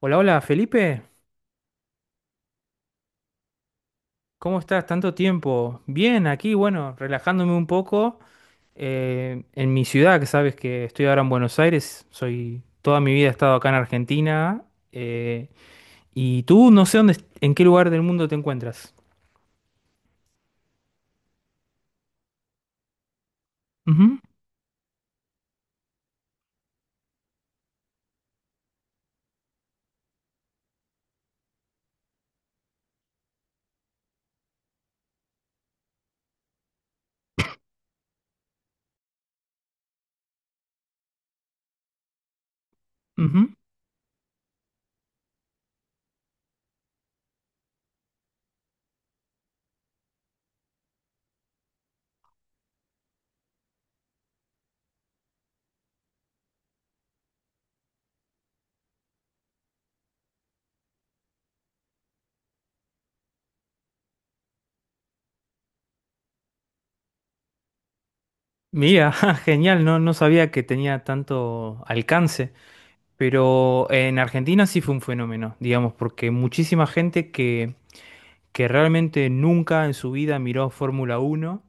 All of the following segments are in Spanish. Hola, hola, Felipe. ¿Cómo estás? Tanto tiempo. Bien, aquí, bueno, relajándome un poco en mi ciudad, que sabes que estoy ahora en Buenos Aires. Soy, toda mi vida he estado acá en Argentina. eh, y tú, no sé dónde, en qué lugar del mundo te encuentras. Ujú, ujú. Mira, ja, genial, no, no sabía que tenía tanto alcance, pero en Argentina sí fue un fenómeno, digamos, porque muchísima gente que realmente nunca en su vida miró Fórmula Uno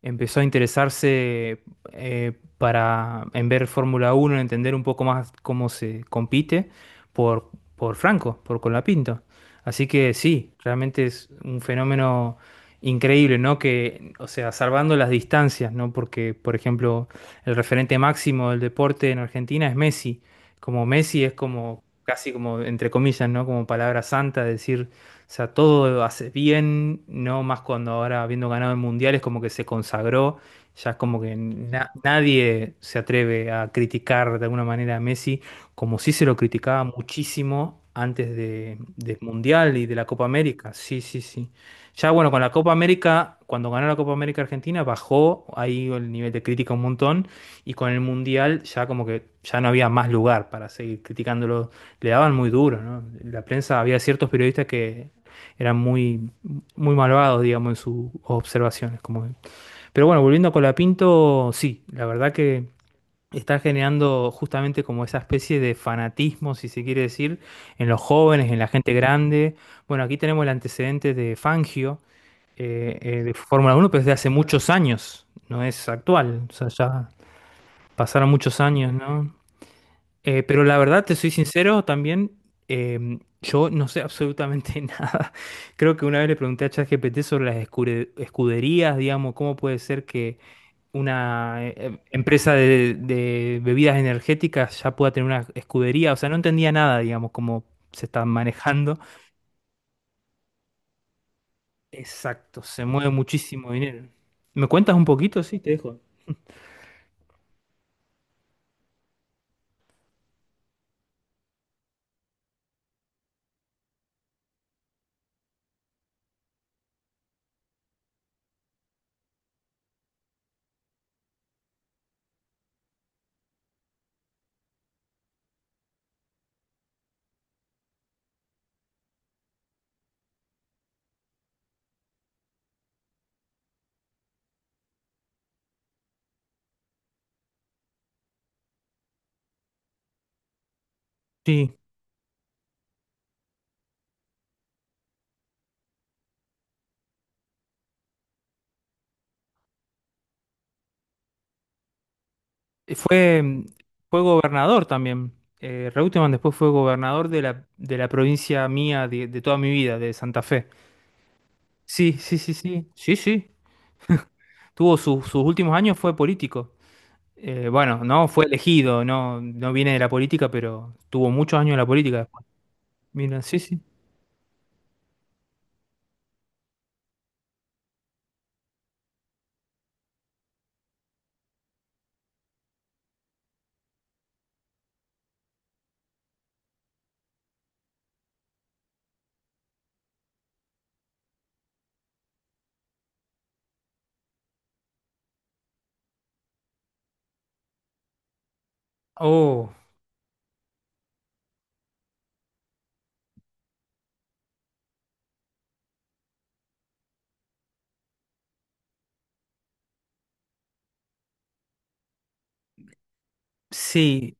empezó a interesarse eh, para, en ver Fórmula Uno en entender un poco más cómo se compite por, por Franco, por Colapinto. Así que sí, realmente es un fenómeno increíble, ¿no? Que, o sea, salvando las distancias, ¿no? Porque, por ejemplo, el referente máximo del deporte en Argentina es Messi. Como Messi es como, casi como, entre comillas, ¿no? Como palabra santa, decir o sea, todo hace bien, no más cuando ahora habiendo ganado el mundial es como que se consagró, ya es como que nadie se atreve a criticar de alguna manera a Messi, como sí se lo criticaba muchísimo antes de, del mundial y de la Copa América. Sí, sí, sí. Ya bueno, con la Copa América, cuando ganó la Copa América Argentina, bajó ahí el nivel de crítica un montón y con el mundial ya como que ya no había más lugar para seguir criticándolo, le daban muy duro, ¿no? La prensa, había ciertos periodistas que eran muy, muy malvados, digamos, en sus observaciones. Como… Pero bueno, volviendo a Colapinto, sí, la verdad que está generando justamente como esa especie de fanatismo, si se quiere decir, en los jóvenes, en la gente grande. Bueno, aquí tenemos el antecedente de Fangio, de Fórmula 1, pero es de hace muchos años, no es actual, o sea, ya pasaron muchos años, ¿no? Pero la verdad, te soy sincero, también yo no sé absolutamente nada. Creo que una vez le pregunté a ChatGPT sobre las escuderías, digamos, cómo puede ser que una empresa de bebidas energéticas ya pueda tener una escudería. O sea, no entendía nada, digamos, cómo se está manejando. Exacto, se mueve muchísimo dinero. ¿Me cuentas un poquito? Sí, te dejo. Sí. Fue, fue gobernador también. Reutemann después fue gobernador de la provincia mía de toda mi vida, de Santa Fe. Sí, sí, sí, sí. Sí, sí. Tuvo sus últimos años, fue político. Bueno, no fue elegido, no, no viene de la política, pero tuvo muchos años en la política después. Mira, sí, sí. Oh, sí.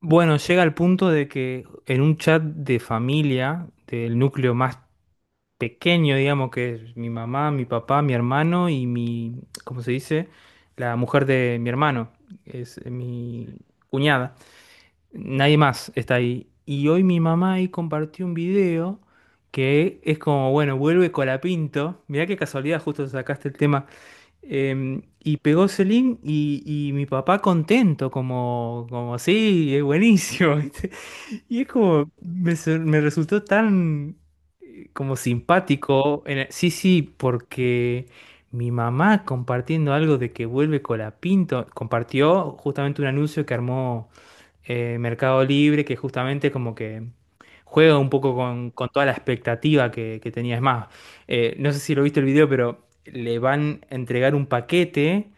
Bueno, llega al punto de que en un chat de familia, del núcleo más pequeño, digamos, que es mi mamá, mi papá, mi hermano y mi, ¿cómo se dice? La mujer de mi hermano, es mi cuñada. Nadie más está ahí. Y hoy mi mamá ahí compartió un video que es como, bueno, vuelve Colapinto. Mirá qué casualidad, justo sacaste el tema. Y pegó ese link y mi papá contento, como, como, sí, es buenísimo. Y es como, me, me resultó tan como simpático. Sí, sí, porque mi mamá compartiendo algo de que vuelve Colapinto, compartió justamente un anuncio que armó Mercado Libre, que justamente como que juega un poco con toda la expectativa que tenía. Es más, no sé si lo viste el video, pero le van a entregar un paquete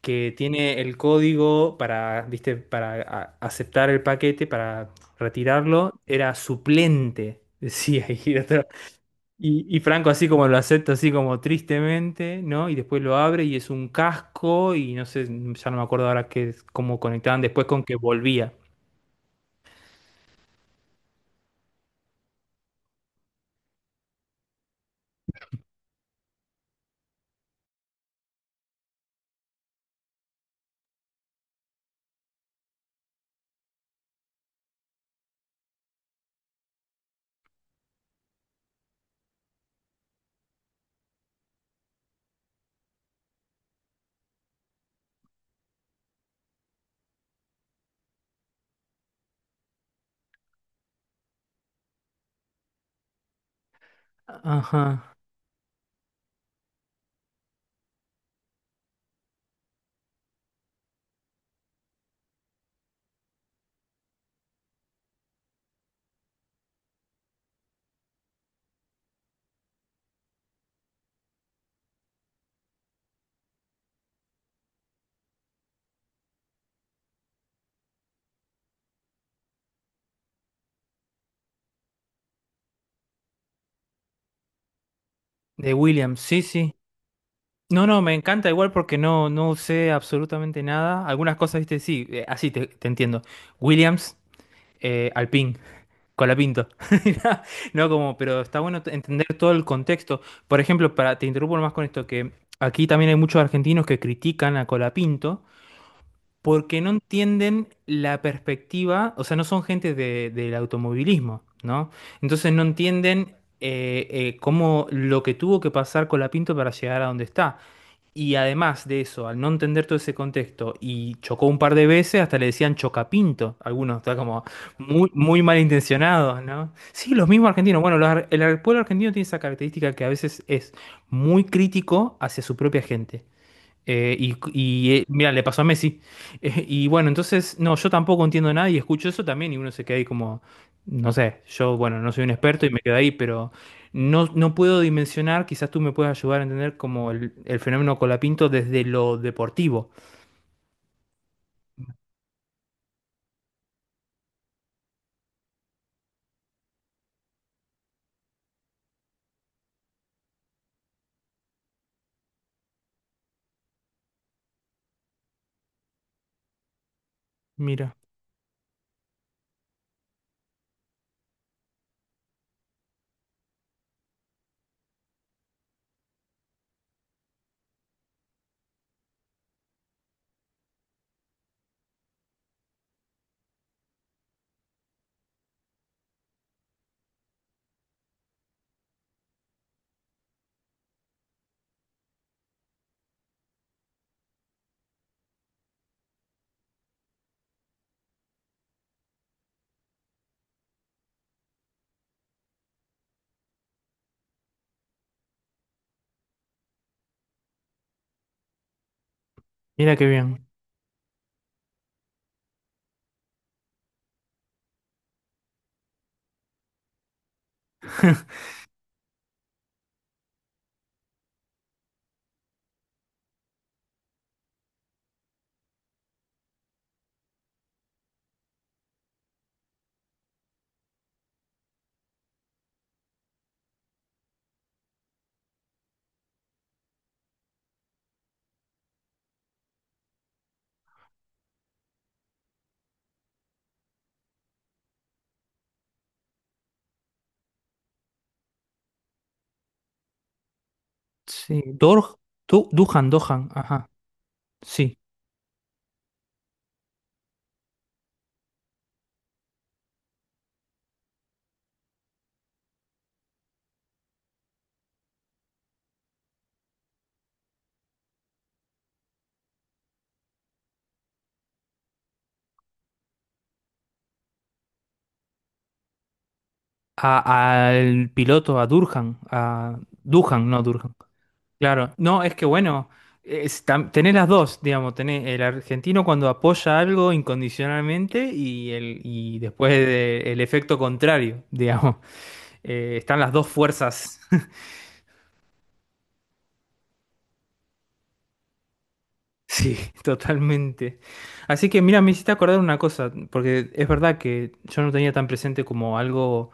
que tiene el código para, viste, para aceptar el paquete, para retirarlo, era suplente, decía. Y, y Franco así como lo acepta, así como tristemente, ¿no? Y después lo abre y es un casco y no sé, ya no me acuerdo ahora qué, cómo conectaban después con que volvía. Ajá, de Williams, sí, sí. No, no, me encanta igual porque no, no usé absolutamente nada. Algunas cosas, viste, sí, así te, te entiendo. Williams, Alpine. Colapinto. No, como, pero está bueno entender todo el contexto. Por ejemplo, para, te interrumpo más con esto, que aquí también hay muchos argentinos que critican a Colapinto porque no entienden la perspectiva, o sea, no son gente del automovilismo, ¿no? Entonces no entienden cómo lo que tuvo que pasar Colapinto para llegar a donde está. Y además de eso, al no entender todo ese contexto y chocó un par de veces, hasta le decían chocapinto. Algunos, está como muy, muy malintencionados, ¿no? Sí, los mismos argentinos. Bueno, los ar- el ar- pueblo argentino tiene esa característica que a veces es muy crítico hacia su propia gente. Mira, le pasó a Messi. Y bueno, entonces, no, yo tampoco entiendo nada y escucho eso también y uno se queda ahí como, no sé, yo, bueno, no soy un experto y me quedo ahí, pero no, no puedo dimensionar, quizás tú me puedas ayudar a entender como el fenómeno Colapinto desde lo deportivo. Mira, mira qué bien. Sí, Dor, Duhan, Dohan, ajá, sí. Al piloto, a Durhan, a Duhan, no Durhan. Claro, no, es que bueno, es tenés las dos, digamos, tenés el argentino cuando apoya algo incondicionalmente y, el, y después el efecto contrario, digamos. Están las dos fuerzas, sí, totalmente. Así que mira, me hiciste acordar una cosa, porque es verdad que yo no tenía tan presente como algo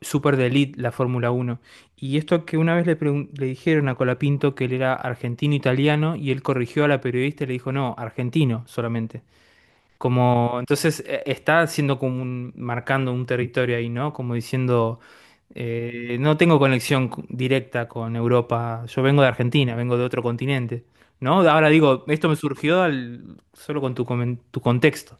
súper de elite la Fórmula Uno. Y esto que una vez le, le dijeron a Colapinto que él era argentino-italiano y él corrigió a la periodista y le dijo, no, argentino solamente. Como, entonces está haciendo como un, marcando un territorio ahí, ¿no? Como diciendo, no tengo conexión directa con Europa, yo vengo de Argentina, vengo de otro continente, ¿no? Ahora digo, esto me surgió solo con tu, tu contexto.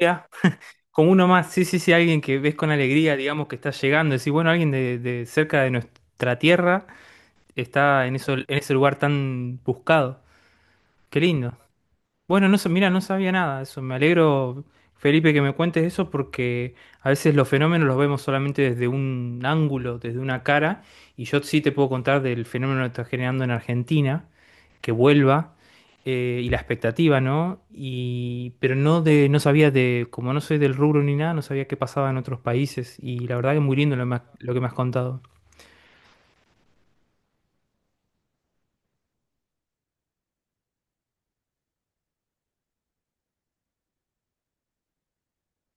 Mira, con uno más, sí, sí, sí, alguien que ves con alegría, digamos, que está llegando, decís, bueno, alguien de cerca de nuestra tierra está en, eso, en ese lugar tan buscado. Qué lindo. Bueno, no, mira, no sabía nada de eso. Me alegro, Felipe, que me cuentes eso porque a veces los fenómenos los vemos solamente desde un ángulo, desde una cara. Y yo sí te puedo contar del fenómeno que está generando en Argentina, que vuelva, y la expectativa, ¿no? Y, pero no de, no sabía de, como no soy del rubro ni nada, no sabía qué pasaba en otros países. Y la verdad que muy lindo lo, lo que me has contado.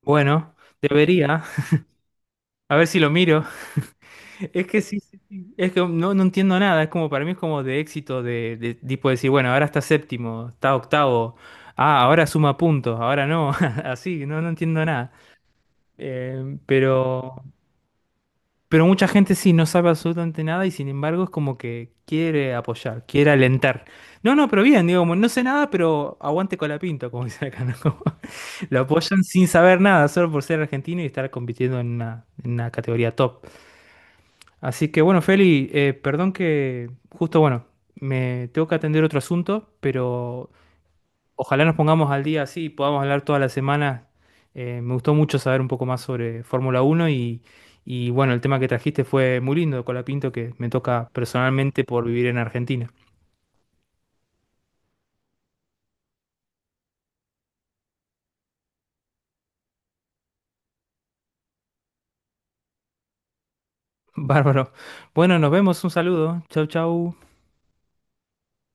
Bueno, debería, a ver si lo miro. Es que sí, sí, sí. Es que no, no entiendo nada, es como para mí es como de éxito, de tipo decir, bueno, ahora está séptimo, está octavo, ah, ahora suma puntos, ahora no, así, no, no entiendo nada. Eh, pero, pero mucha gente sí no sabe absolutamente nada y sin embargo es como que quiere apoyar, quiere alentar. No, no, pero bien, digo, como, no sé nada, pero aguante con la pinta, como dice acá, ¿no? Como lo apoyan sin saber nada, solo por ser argentino y estar compitiendo en una categoría top. Así que bueno, Feli, perdón que justo, bueno, me tengo que atender otro asunto, pero ojalá nos pongamos al día así y podamos hablar toda la semana. Me gustó mucho saber un poco más sobre Fórmula Uno y bueno, el tema que trajiste fue muy lindo, Colapinto, que me toca personalmente por vivir en Argentina. Bárbaro. Bueno, nos vemos, un saludo. Chau, chau.